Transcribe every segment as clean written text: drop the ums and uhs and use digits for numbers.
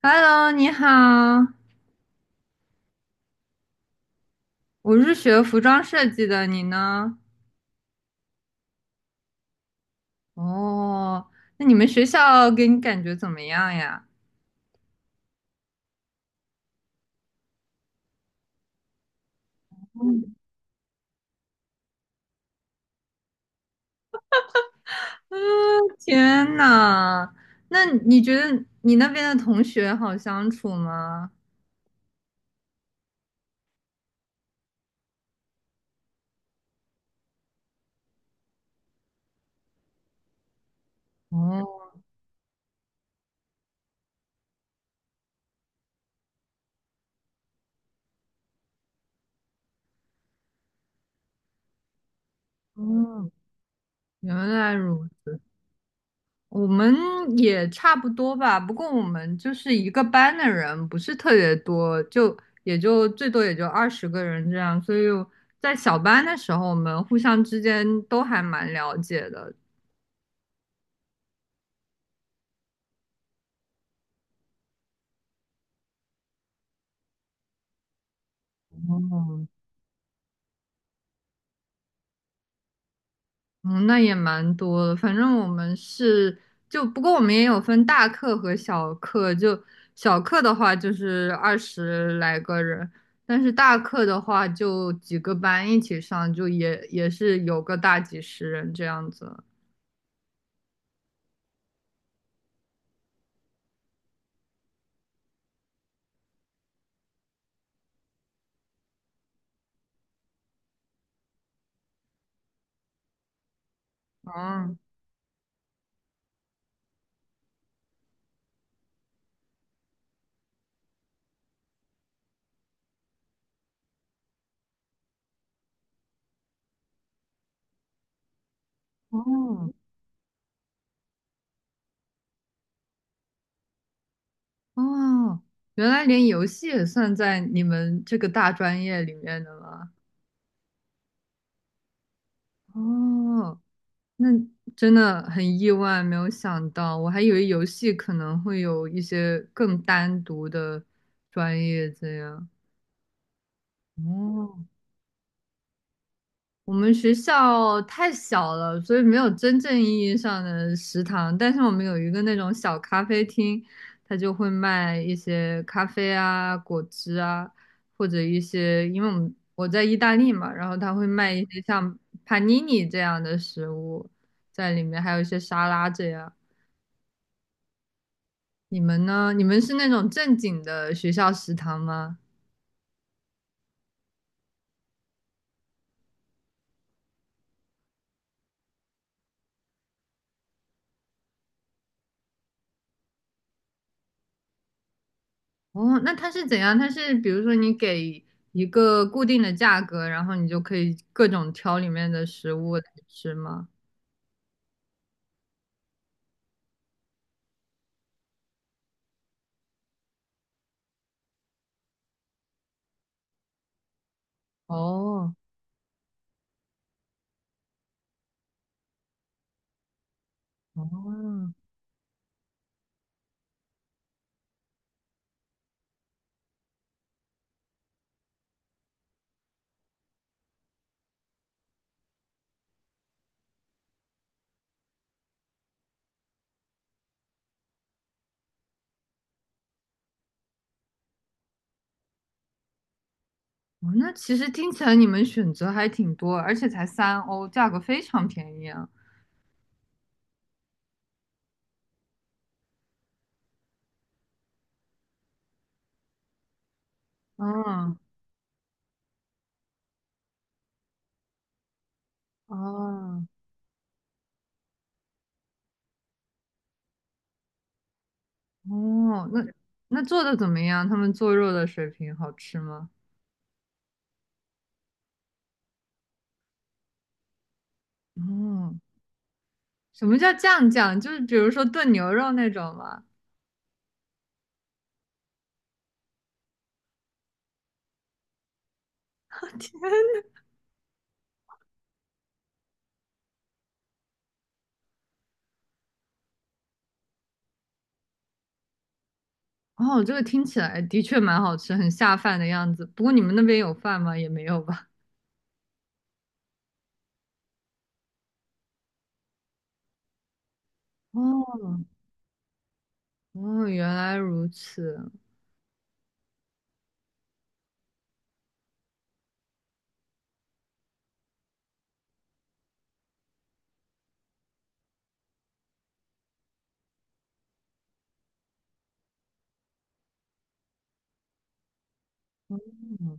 Hello，你好，我是学服装设计的，你呢？哦，那你们学校给你感觉怎么样呀？嗯，天呐，那你觉得你那边的同学好相处吗？哦，哦，原来如我们也差不多吧，不过我们就是一个班的人，不是特别多，就也就最多也就20个人这样，所以在小班的时候，我们互相之间都还蛮了解的。哦，嗯，那也蛮多的。反正我们是就，不过我们也有分大课和小课。就小课的话，就是20来个人，但是大课的话，就几个班一起上，就也是有个大几十人这样子。哦哦哦，原来连游戏也算在你们这个大专业里面的吗？哦，那真的很意外，没有想到，我还以为游戏可能会有一些更单独的专业这样。哦，我们学校太小了，所以没有真正意义上的食堂，但是我们有一个那种小咖啡厅，它就会卖一些咖啡啊、果汁啊，或者一些，因为我们我在意大利嘛，然后它会卖一些像 panini 这样的食物在里面，还有一些沙拉这样。你们呢？你们是那种正经的学校食堂吗？哦，那它是怎样？它是比如说你给一个固定的价格，然后你就可以各种挑里面的食物来吃吗？哦，哦，哦，那其实听起来你们选择还挺多，而且才3欧，价格非常便宜啊。嗯，哦，哦，那做的怎么样？他们做肉的水平好吃吗？嗯，什么叫酱酱？就是比如说炖牛肉那种吗？天哦，这个听起来的确蛮好吃，很下饭的样子。不过你们那边有饭吗？也没有吧？哦，哦，原来如此。嗯，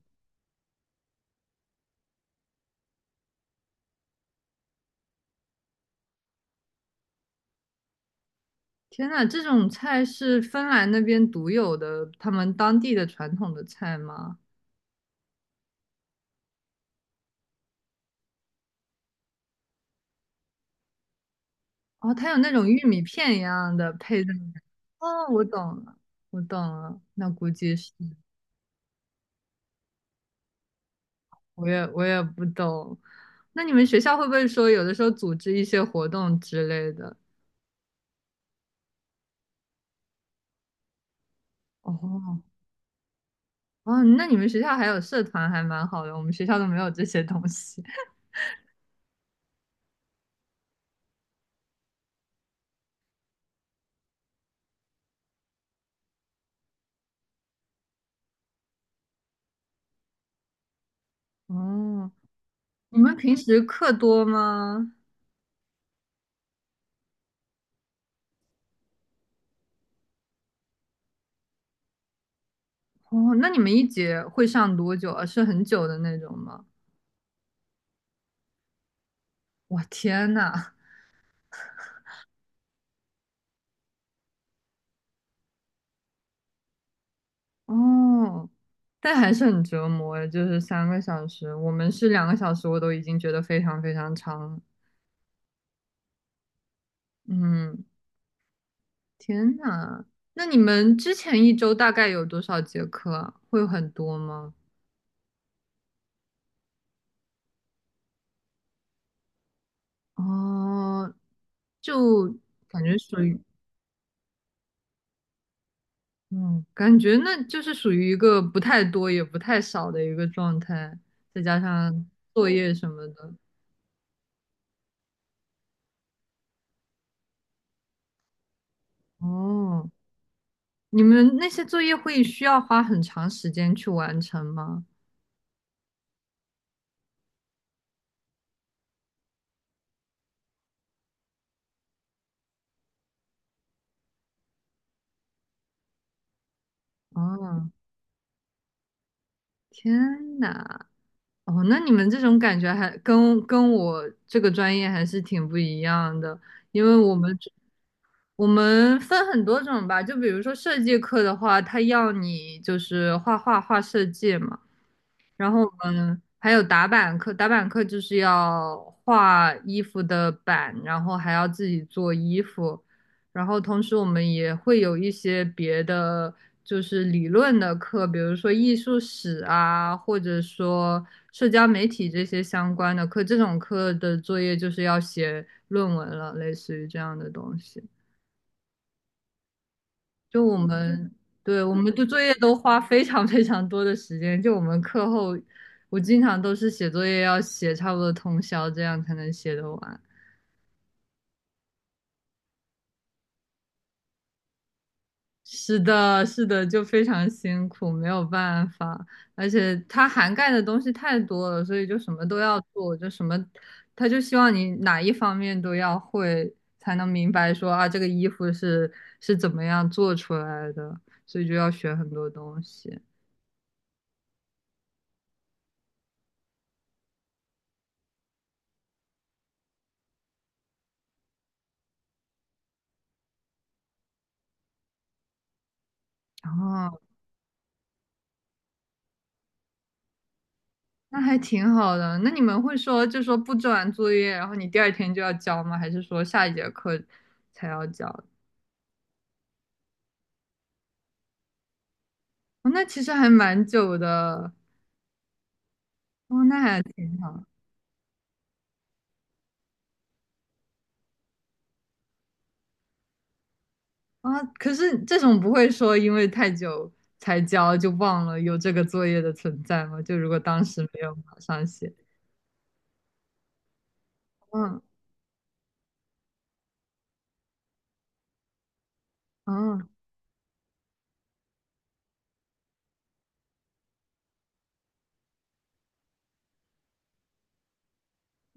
天呐，这种菜是芬兰那边独有的，他们当地的传统的菜吗？哦，它有那种玉米片一样的配在里面。哦，我懂了，我懂了。那估计是，我也不懂。那你们学校会不会说有的时候组织一些活动之类的？哦，哦，那你们学校还有社团，还蛮好的。我们学校都没有这些东西。哦，你们平时课多吗？哦，那你们一节会上多久啊？是很久的那种吗？我天呐！哦，但还是很折磨诶，就是3个小时，我们是2个小时，我都已经觉得非常非常长了嗯，天呐，那你们之前一周大概有多少节课啊会有很多吗？哦，就感觉属于。嗯，感觉那就是属于一个不太多也不太少的一个状态，再加上作业什么的。哦，你们那些作业会需要花很长时间去完成吗？哦，天呐，哦，那你们这种感觉还跟我这个专业还是挺不一样的，因为我们我们分很多种吧，就比如说设计课的话，它要你就是画画画设计嘛。然后我们还有打板课，打板课就是要画衣服的板，然后还要自己做衣服，然后同时我们也会有一些别的就是理论的课，比如说艺术史啊，或者说社交媒体这些相关的课，这种课的作业就是要写论文了，类似于这样的东西。就我们，对，我们的作业都花非常非常多的时间。就我们课后，我经常都是写作业要写差不多通宵，这样才能写得完。是的，是的，就非常辛苦，没有办法。而且它涵盖的东西太多了，所以就什么都要做，就什么，他就希望你哪一方面都要会，才能明白说啊，这个衣服是怎么样做出来的，所以就要学很多东西。然后。那还挺好的。那你们会说，就说布置完作业，然后你第二天就要交吗？还是说下一节课才要交？哦，那其实还蛮久的。哦，那还挺好啊。可是这种不会说因为太久才交就忘了有这个作业的存在吗？就如果当时没有马上写，嗯嗯，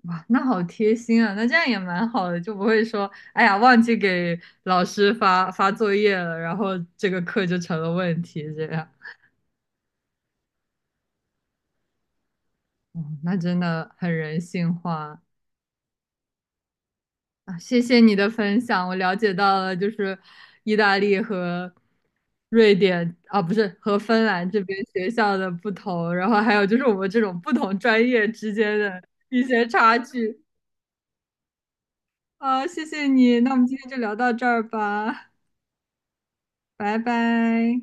哇，那好贴心啊。那这样也蛮好的，就不会说，哎呀，忘记给老师发作业了，然后这个课就成了问题这样。哦，那真的很人性化啊！谢谢你的分享，我了解到了，就是意大利和瑞典啊，不是和芬兰这边学校的不同，然后还有就是我们这种不同专业之间的一些差距啊！谢谢你，那我们今天就聊到这儿吧，拜拜。